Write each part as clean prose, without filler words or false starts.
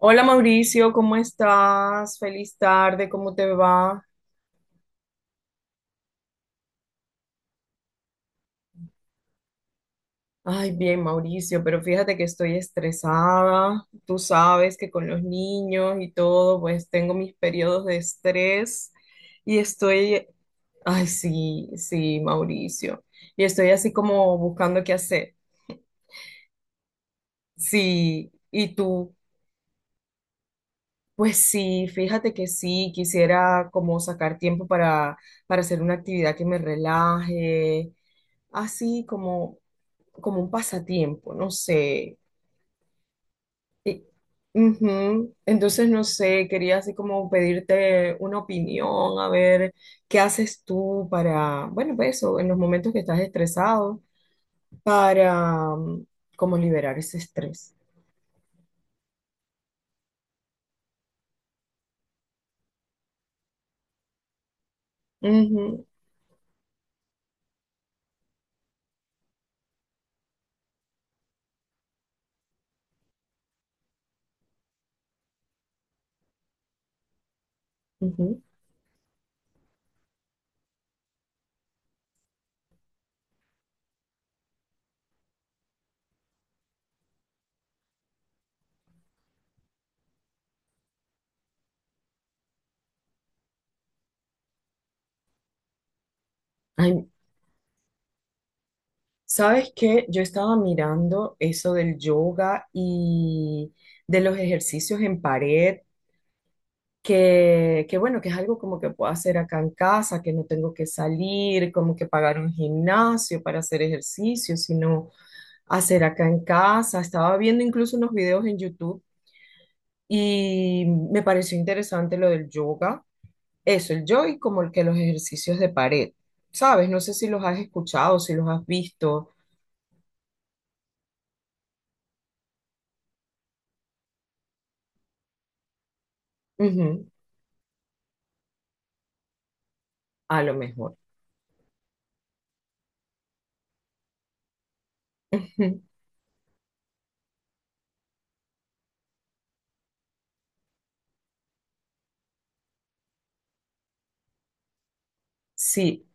Hola Mauricio, ¿cómo estás? Feliz tarde, ¿cómo te va? Ay, bien Mauricio, pero fíjate que estoy estresada. Tú sabes que con los niños y todo, pues tengo mis periodos de estrés y estoy, ay, sí, sí, Mauricio, y estoy así como buscando qué hacer. Sí, ¿y tú? Pues sí, fíjate que sí, quisiera como sacar tiempo para, hacer una actividad que me relaje así como un pasatiempo, no sé. Y- Ujú. Entonces, no sé, quería así como pedirte una opinión, a ver qué haces tú para, bueno, pues eso, en los momentos que estás estresado, para como liberar ese estrés. Ujú, ujú. Ay, ¿sabes qué? Yo estaba mirando eso del yoga y de los ejercicios en pared. Que bueno, que es algo como que puedo hacer acá en casa, que no tengo que salir, como que pagar un gimnasio para hacer ejercicio, sino hacer acá en casa. Estaba viendo incluso unos videos en YouTube y me pareció interesante lo del yoga, eso, el yoga y como el que los ejercicios de pared, ¿sabes? No sé si los has escuchado, si los has visto. Ujú, a lo mejor. Sí.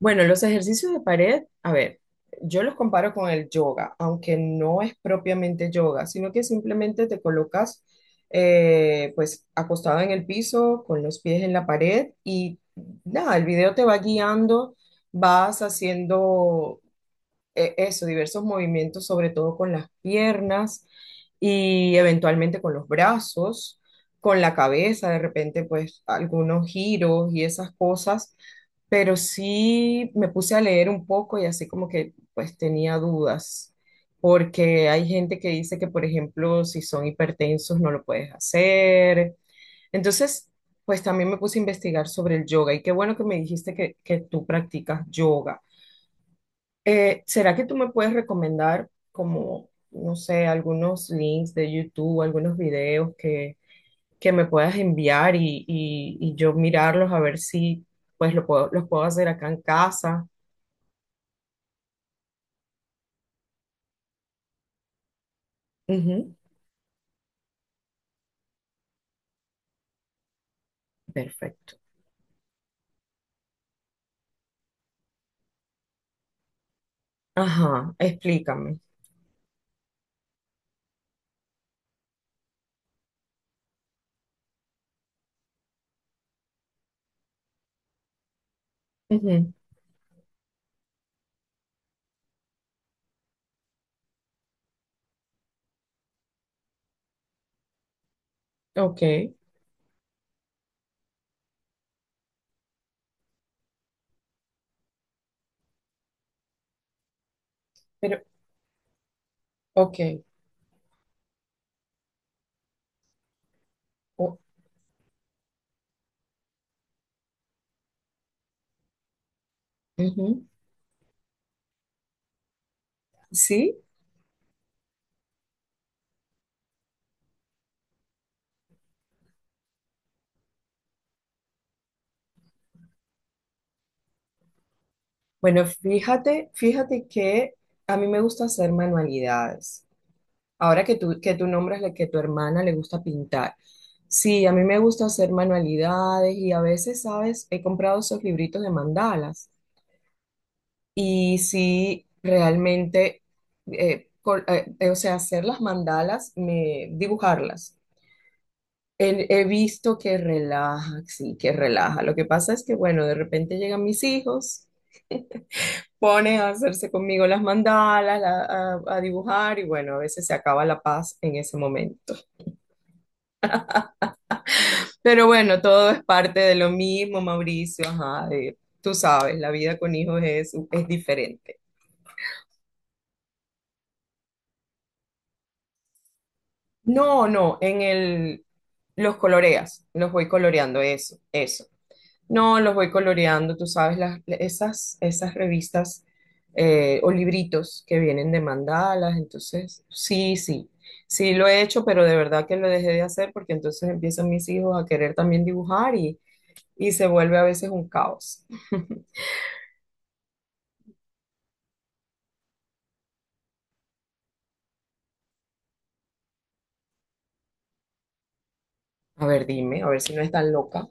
Bueno, los ejercicios de pared, a ver, yo los comparo con el yoga, aunque no es propiamente yoga, sino que simplemente te colocas, pues acostado en el piso, con los pies en la pared y nada, el video te va guiando, vas haciendo, eso, diversos movimientos, sobre todo con las piernas y eventualmente con los brazos, con la cabeza, de repente pues algunos giros y esas cosas, pero sí me puse a leer un poco y así como que pues tenía dudas, porque hay gente que dice que por ejemplo si son hipertensos no lo puedes hacer. Entonces, pues también me puse a investigar sobre el yoga y qué bueno que me dijiste que tú practicas yoga. ¿Será que tú me puedes recomendar, como, no sé, algunos links de YouTube, algunos videos que me puedas enviar y, y yo mirarlos a ver si pues lo puedo, los puedo hacer acá en casa? Ujú, perfecto. Ajá, explícame. Ujú, ok, pero, ok. o- Ujú. Sí, bueno, fíjate, que a mí me gusta hacer manualidades. Ahora que tú nombras la que tu hermana le gusta pintar. Sí, a mí me gusta hacer manualidades y a veces, ¿sabes? He comprado esos libritos de mandalas y sí, realmente, o sea, hacer las mandalas, me, dibujarlas. He, he visto que relaja, sí, que relaja. Lo que pasa es que, bueno, de repente llegan mis hijos, ponen a hacerse conmigo las mandalas, a dibujar y bueno, a veces se acaba la paz en ese momento. Pero bueno, todo es parte de lo mismo, Mauricio, ajá, de- tú sabes, la vida con hijos es diferente. No, no, los coloreas, los voy coloreando, eso, eso. No, los voy coloreando, tú sabes, las, esas, esas revistas, o libritos que vienen de mandalas, entonces, sí, sí, sí lo he hecho, pero de verdad que lo dejé de hacer porque entonces empiezan mis hijos a querer también dibujar y se vuelve a veces un caos. A ver, dime, a ver si no es tan loca.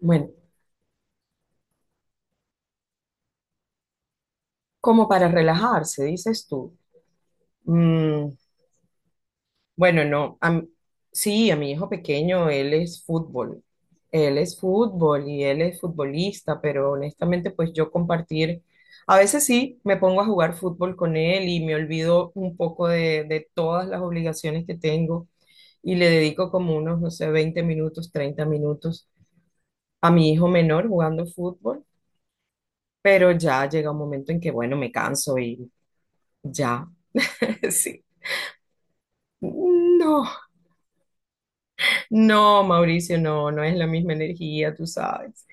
Bueno, como para relajarse, dices tú. Mm, bueno, no, sí, a mi hijo pequeño, él es fútbol. Él es fútbol y él es futbolista, pero honestamente, pues yo compartir, a veces sí, me pongo a jugar fútbol con él y me olvido un poco de todas las obligaciones que tengo y le dedico como unos, no sé, 20 minutos, 30 minutos a mi hijo menor jugando fútbol, pero ya llega un momento en que, bueno, me canso y ya. Sí. No, no, Mauricio, no, no es la misma energía, tú sabes.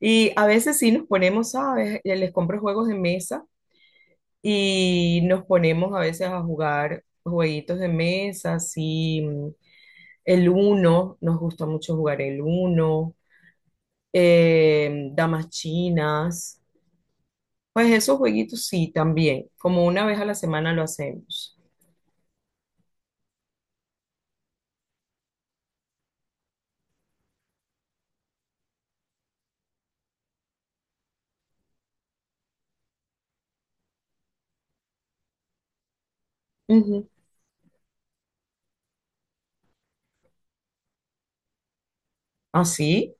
Y a veces sí nos ponemos, ¿sabes? Les compro juegos de mesa y nos ponemos a veces a jugar jueguitos de mesa, sí, el uno, nos gusta mucho jugar el uno, damas chinas, pues esos jueguitos sí, también, como una vez a la semana lo hacemos. Ujú. ¿Así?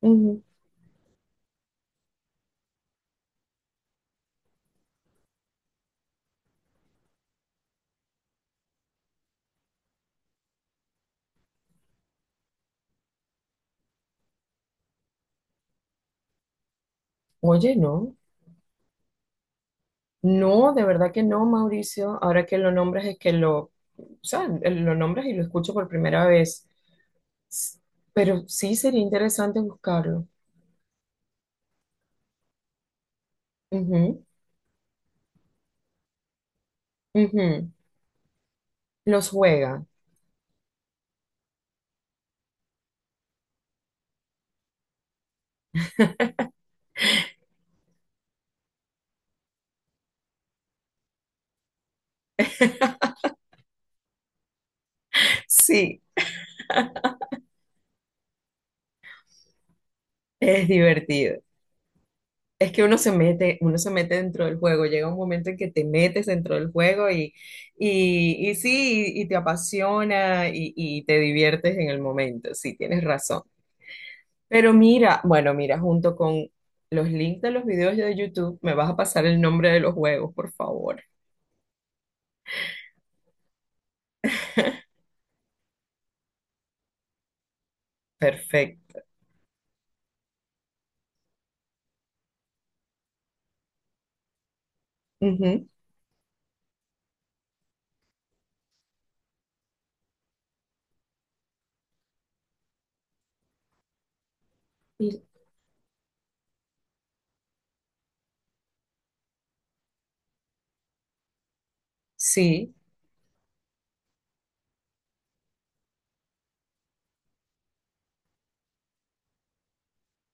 Ujú. Oye, no. No, de verdad que no, Mauricio. Ahora que lo nombras es que lo, o sea, lo nombras y lo escucho por primera vez. S- Pero sí sería interesante buscarlo. Ujú, ujú. Los juega. Sí, es divertido. Es que uno se mete dentro del juego. Llega un momento en que te metes dentro del juego y sí, te apasiona y te diviertes en el momento. Sí, tienes razón. Pero mira, bueno, mira, junto con los links de los videos de YouTube, me vas a pasar el nombre de los juegos, por favor. Perfecto. Ujú. Y- Sí,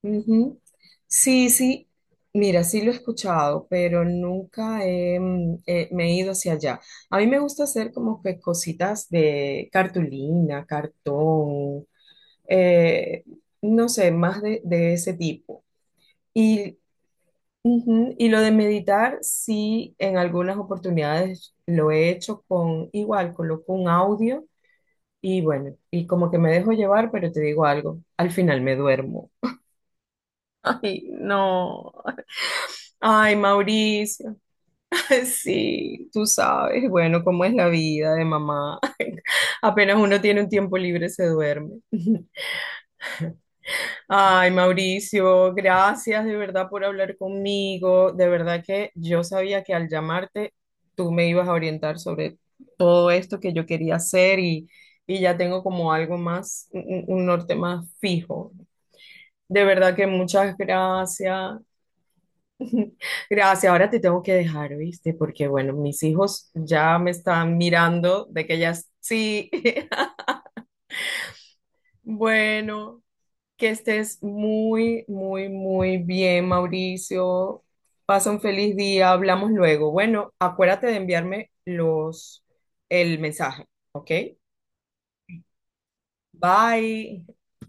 ujú. Sí, sí. Mira, sí lo he escuchado, pero nunca he, me he ido hacia allá. A mí me gusta hacer como que cositas de cartulina, cartón, eh, no sé, más de ese tipo. Y, ujú, y lo de meditar, sí, en algunas oportunidades lo he hecho con igual, coloco un audio y bueno, y como que me dejo llevar, pero te digo algo, al final me duermo. Ay, no. Ay, Mauricio, sí, tú sabes, bueno, cómo es la vida de mamá. Apenas uno tiene un tiempo libre, se duerme. Ay, Mauricio, gracias de verdad por hablar conmigo. De verdad que yo sabía que al llamarte tú me ibas a orientar sobre todo esto que yo quería hacer y ya tengo como algo más, un norte más fijo. De verdad que muchas gracias. Gracias. Ahora te tengo que dejar, ¿viste? Porque bueno, mis hijos ya me están mirando de que ya sí. Bueno. Que estés muy, muy, muy bien, Mauricio. Pasa un feliz día, hablamos luego. Bueno, acuérdate de enviarme los el mensaje, ¿ok? Bye.